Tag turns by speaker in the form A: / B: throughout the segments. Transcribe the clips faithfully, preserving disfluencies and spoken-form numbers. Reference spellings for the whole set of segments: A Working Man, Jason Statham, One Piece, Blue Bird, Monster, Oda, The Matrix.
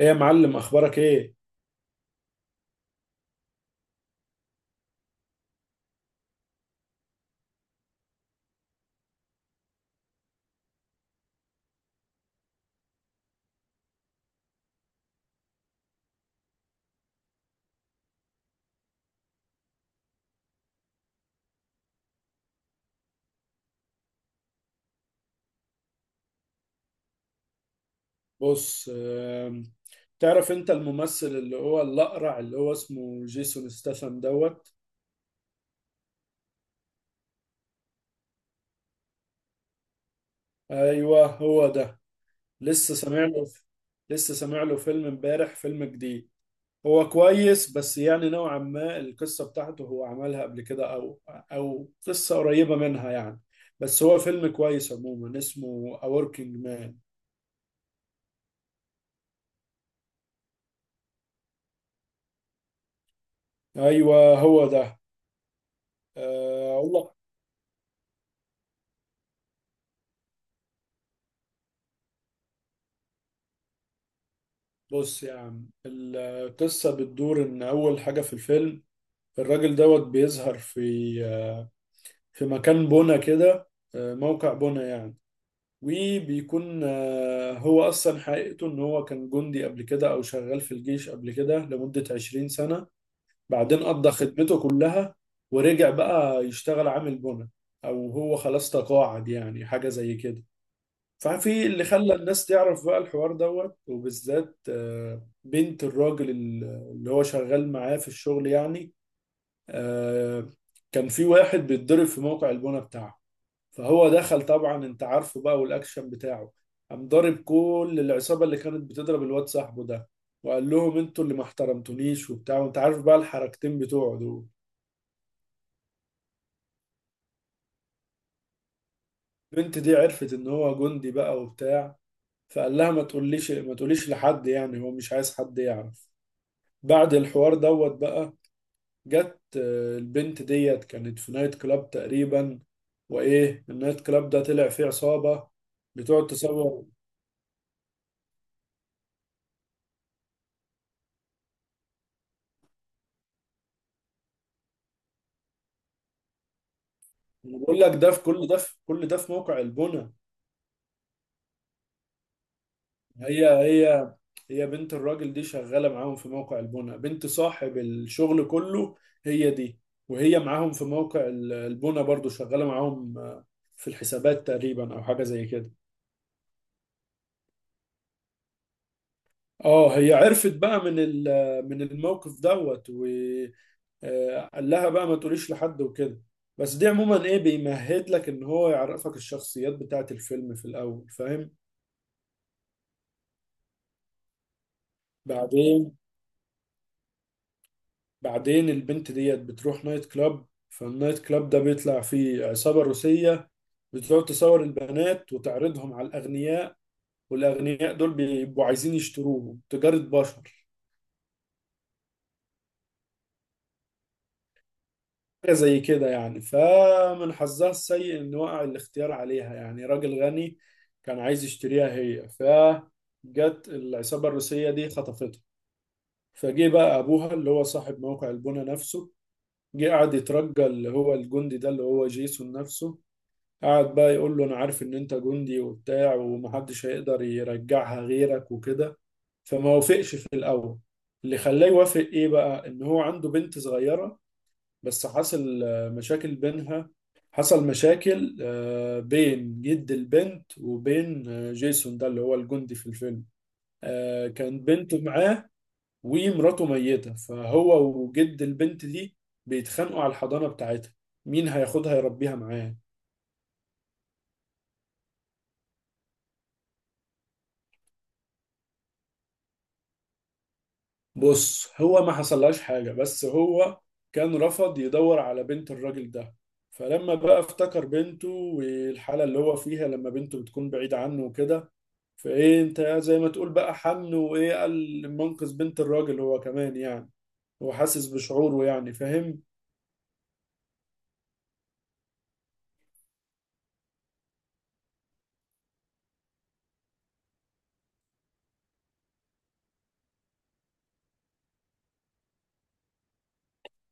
A: ايه يا معلم، اخبارك ايه؟ بص، آم، تعرف انت الممثل اللي هو الاقرع، اللي هو اسمه جيسون ستاثام دوت. ايوه، هو ده. لسه سامع له لسه سامع له فيلم امبارح، فيلم جديد. هو كويس، بس يعني نوعا ما القصه بتاعته هو عملها قبل كده، او او قصه قريبه منها يعني. بس هو فيلم كويس عموما، اسمه A Working Man. ايوه، هو ده. آه، اقول لك. بص يا عم، القصة بتدور إن أول حاجة في الفيلم الراجل دوت بيظهر في في مكان بنا كده، موقع بنا يعني. وبيكون هو أصلا حقيقته إن هو كان جندي قبل كده أو شغال في الجيش قبل كده لمدة عشرين سنة. بعدين قضى خدمته كلها ورجع بقى يشتغل عامل بنا، أو هو خلاص تقاعد، يعني حاجة زي كده. ففي اللي خلى الناس تعرف بقى الحوار دوت، وبالذات آه، بنت الراجل ال- اللي هو شغال معاه في الشغل يعني. آه، كان في واحد بيتضرب في موقع البنا بتاعه، فهو دخل طبعا، انت عارفه بقى والاكشن بتاعه. قام ضارب كل العصابة اللي كانت بتضرب الواد صاحبه ده، وقال لهم انتوا اللي ما احترمتونيش وبتاع، وانت عارف بقى الحركتين بتوعه دول. البنت دي عرفت ان هو جندي بقى وبتاع، فقال لها ما تقوليش ما تقوليش لحد، يعني هو مش عايز حد يعرف. بعد الحوار دوت بقى، جت آه، البنت ديت كانت في نايت كلاب تقريبا، وايه النايت كلاب ده طلع فيه عصابة بتقعد تصور. أنا بقول لك، ده في كل ده في كل ده في موقع البنا. هي هي. هي بنت الراجل دي شغالة معاهم في موقع البنا، بنت صاحب الشغل كله. هي دي. وهي معاهم في موقع ال- البنا برضو شغالة معاهم، آه، في الحسابات تقريبا او حاجة زي كده. اه هي عرفت بقى من ال- من الموقف دوت. آه، قال لها بقى ما تقوليش لحد وكده. بس دي عموما ايه، بيمهد لك ان هو يعرفك الشخصيات بتاعت الفيلم في الاول، فاهم. بعدين بعدين البنت ديت بتروح نايت كلاب، فالنايت كلاب ده بيطلع فيه عصابة روسية بتقعد تصور البنات وتعرضهم على الأغنياء، والأغنياء دول بيبقوا عايزين يشتروهم، تجارة بشر. حاجة زي كده يعني. فمن حظها السيء إن وقع الاختيار عليها، يعني راجل غني كان عايز يشتريها هي، فجت العصابة الروسية دي خطفتها. فجه بقى أبوها اللي هو صاحب موقع البنا نفسه، جه قعد يترجى اللي هو الجندي ده اللي هو جيسون نفسه، قعد بقى يقول له أنا عارف إن أنت جندي وبتاع، ومحدش هيقدر يرجعها غيرك وكده. فما وافقش في الأول. اللي خلاه يوافق إيه بقى؟ إن هو عنده بنت صغيرة. بس حصل آه، مشاكل بينها. حصل مشاكل آه، بين جد البنت وبين آه، جيسون ده اللي هو الجندي في الفيلم. آه، كان بنته معاه ومراته ميتة، فهو وجد البنت دي بيتخانقوا على الحضانة بتاعتها، مين هياخدها يربيها معاه. بص، هو ما حصلهاش حاجة، بس هو كان رفض يدور على بنت الراجل ده. فلما بقى افتكر بنته والحالة اللي هو فيها لما بنته بتكون بعيدة عنه وكده، فايه انت زي ما تقول بقى حن، وايه قال منقذ بنت الراجل هو كمان يعني، هو حاسس بشعوره يعني، فاهم.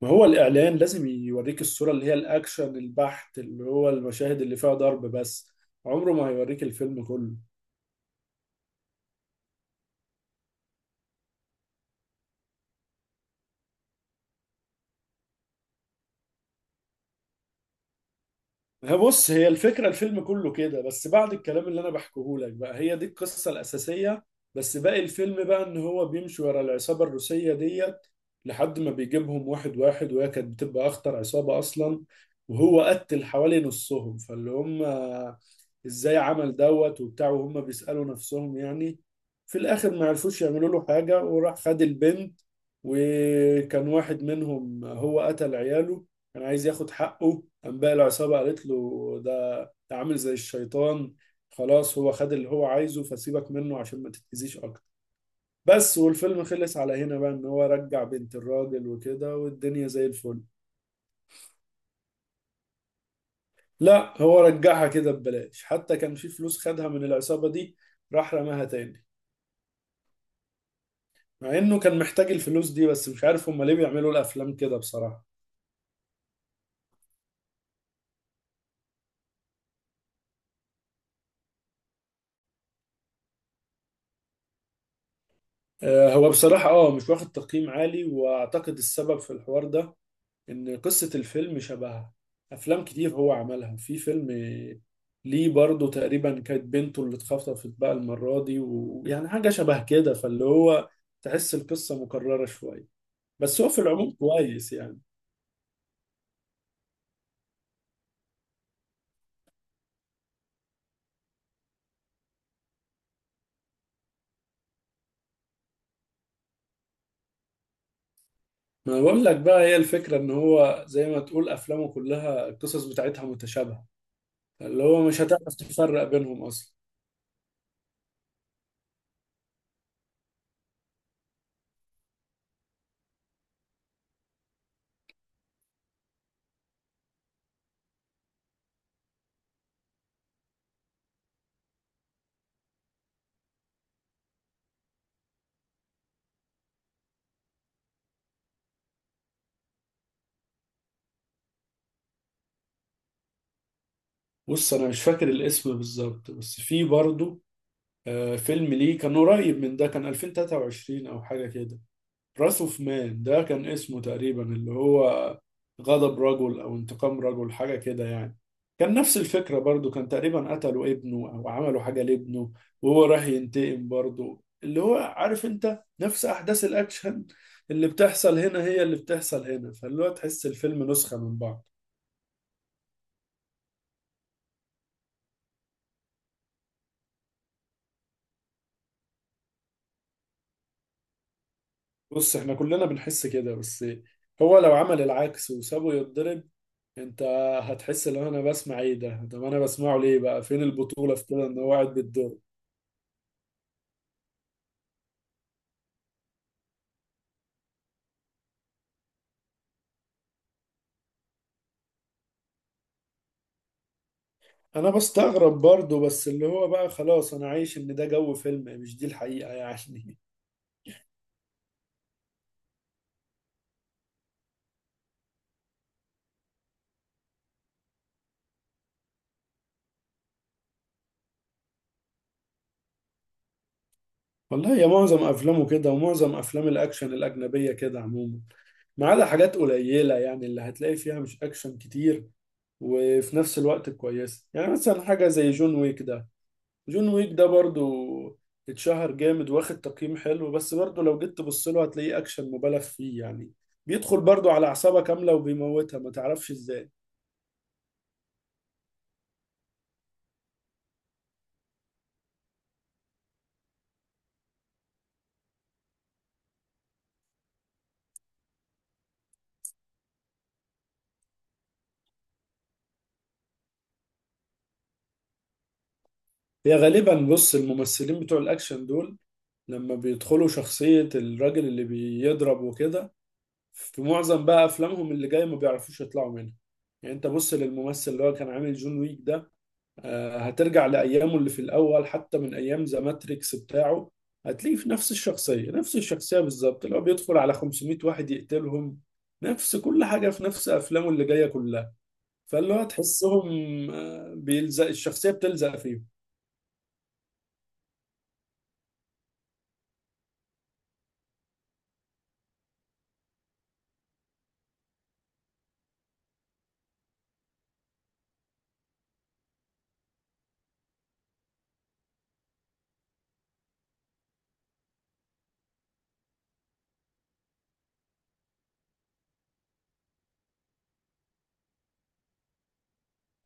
A: ما هو الاعلان لازم يوريك الصورة اللي هي الاكشن البحت، اللي هو المشاهد اللي فيها ضرب بس. عمره ما هيوريك الفيلم كله. هي بص، هي الفكرة الفيلم كله كده، بس بعد الكلام اللي أنا بحكيه لك بقى، هي دي القصة الأساسية. بس باقي الفيلم بقى إن هو بيمشي ورا العصابة الروسية ديت لحد ما بيجيبهم واحد واحد، وهي كانت بتبقى أخطر عصابة أصلا. وهو قتل حوالي نصهم، فاللي هم إزاي عمل دوت وبتاع، وهم بيسألوا نفسهم يعني. في الآخر ما عرفوش يعملوا له حاجة وراح خد البنت. وكان واحد منهم هو قتل عياله، كان عايز ياخد حقه، قام بقى العصابة قالت له ده ده عامل زي الشيطان، خلاص هو خد اللي هو عايزه، فسيبك منه عشان ما تتأذيش أكتر. بس والفيلم خلص على هنا بقى، إن هو رجع بنت الراجل وكده، والدنيا زي الفل. لا، هو رجعها كده ببلاش، حتى كان في فلوس خدها من العصابة دي راح رماها تاني، مع إنه كان محتاج الفلوس دي. بس مش عارف هما ليه بيعملوا الأفلام كده بصراحة. آه، هو بصراحة اه مش واخد تقييم عالي، واعتقد السبب في الحوار ده ان قصة الفيلم شبه افلام كتير هو عملها. في فيلم ليه برضه تقريبا كانت بنته اللي اتخطفت بقى المرة دي، ويعني حاجة شبه كده، فاللي هو تحس القصة مكررة شوية. بس هو في العموم كويس يعني. ما بقول لك بقى، هي الفكرة ان هو زي ما تقول افلامه كلها القصص بتاعتها متشابهة، اللي هو مش هتعرف تفرق بينهم اصلا. بص انا مش فاكر الاسم بالظبط، بس في برضه آه، فيلم ليه كان قريب من ده كان ألفين وتلاتة وعشرين او حاجة كده. براس اوف مان ده كان اسمه تقريبا، اللي هو غضب رجل او انتقام رجل حاجه كده يعني. كان نفس الفكره برضو، كان تقريبا قتلوا ابنه او عملوا حاجه لابنه، وهو راح ينتقم برضو، اللي هو عارف انت نفس احداث الاكشن اللي بتحصل هنا هي اللي بتحصل هنا، فاللي هو تحس الفيلم نسخه من بعض. بص احنا كلنا بنحس كده، بس هو لو عمل العكس وسابه يتضرب، انت هتحس ان انا بسمع ايه ده، طب انا بسمعه ليه بقى، فين البطولة في كده ان هو قاعد بيتضرب. انا بستغرب برضو، بس اللي هو بقى خلاص انا عايش ان ده جو فيلم مش دي الحقيقة يعني. والله يا معظم افلامه كده، ومعظم افلام الاكشن الاجنبية كده عموما، ما عدا حاجات قليلة يعني اللي هتلاقي فيها مش اكشن كتير وفي نفس الوقت كويسة، يعني مثلا حاجة زي جون ويك ده. جون ويك ده برضو اتشهر جامد واخد تقييم حلو، بس برضو لو جيت تبص له هتلاقيه اكشن مبالغ فيه يعني، بيدخل برضو على اعصابها كاملة وبيموتها ما تعرفش ازاي. هي غالبا بص الممثلين بتوع الاكشن دول لما بيدخلوا شخصية الراجل اللي بيضرب وكده، في معظم بقى أفلامهم اللي جاية ما بيعرفوش يطلعوا منها. يعني أنت بص للممثل اللي هو كان عامل جون ويك ده، آه، هترجع لأيامه اللي في الأول حتى من أيام ذا ماتريكس بتاعه هتلاقيه في نفس الشخصية، نفس الشخصية بالظبط اللي هو بيدخل على خمسمائة واحد يقتلهم. نفس كل حاجة في نفس أفلامه اللي جاية كلها، فاللي هو تحسهم آه، بيلزق الشخصية بتلزق فيهم.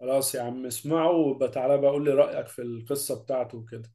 A: خلاص يا عم، اسمعه وبتعالى بقى قول لي رأيك في القصة بتاعته وكده.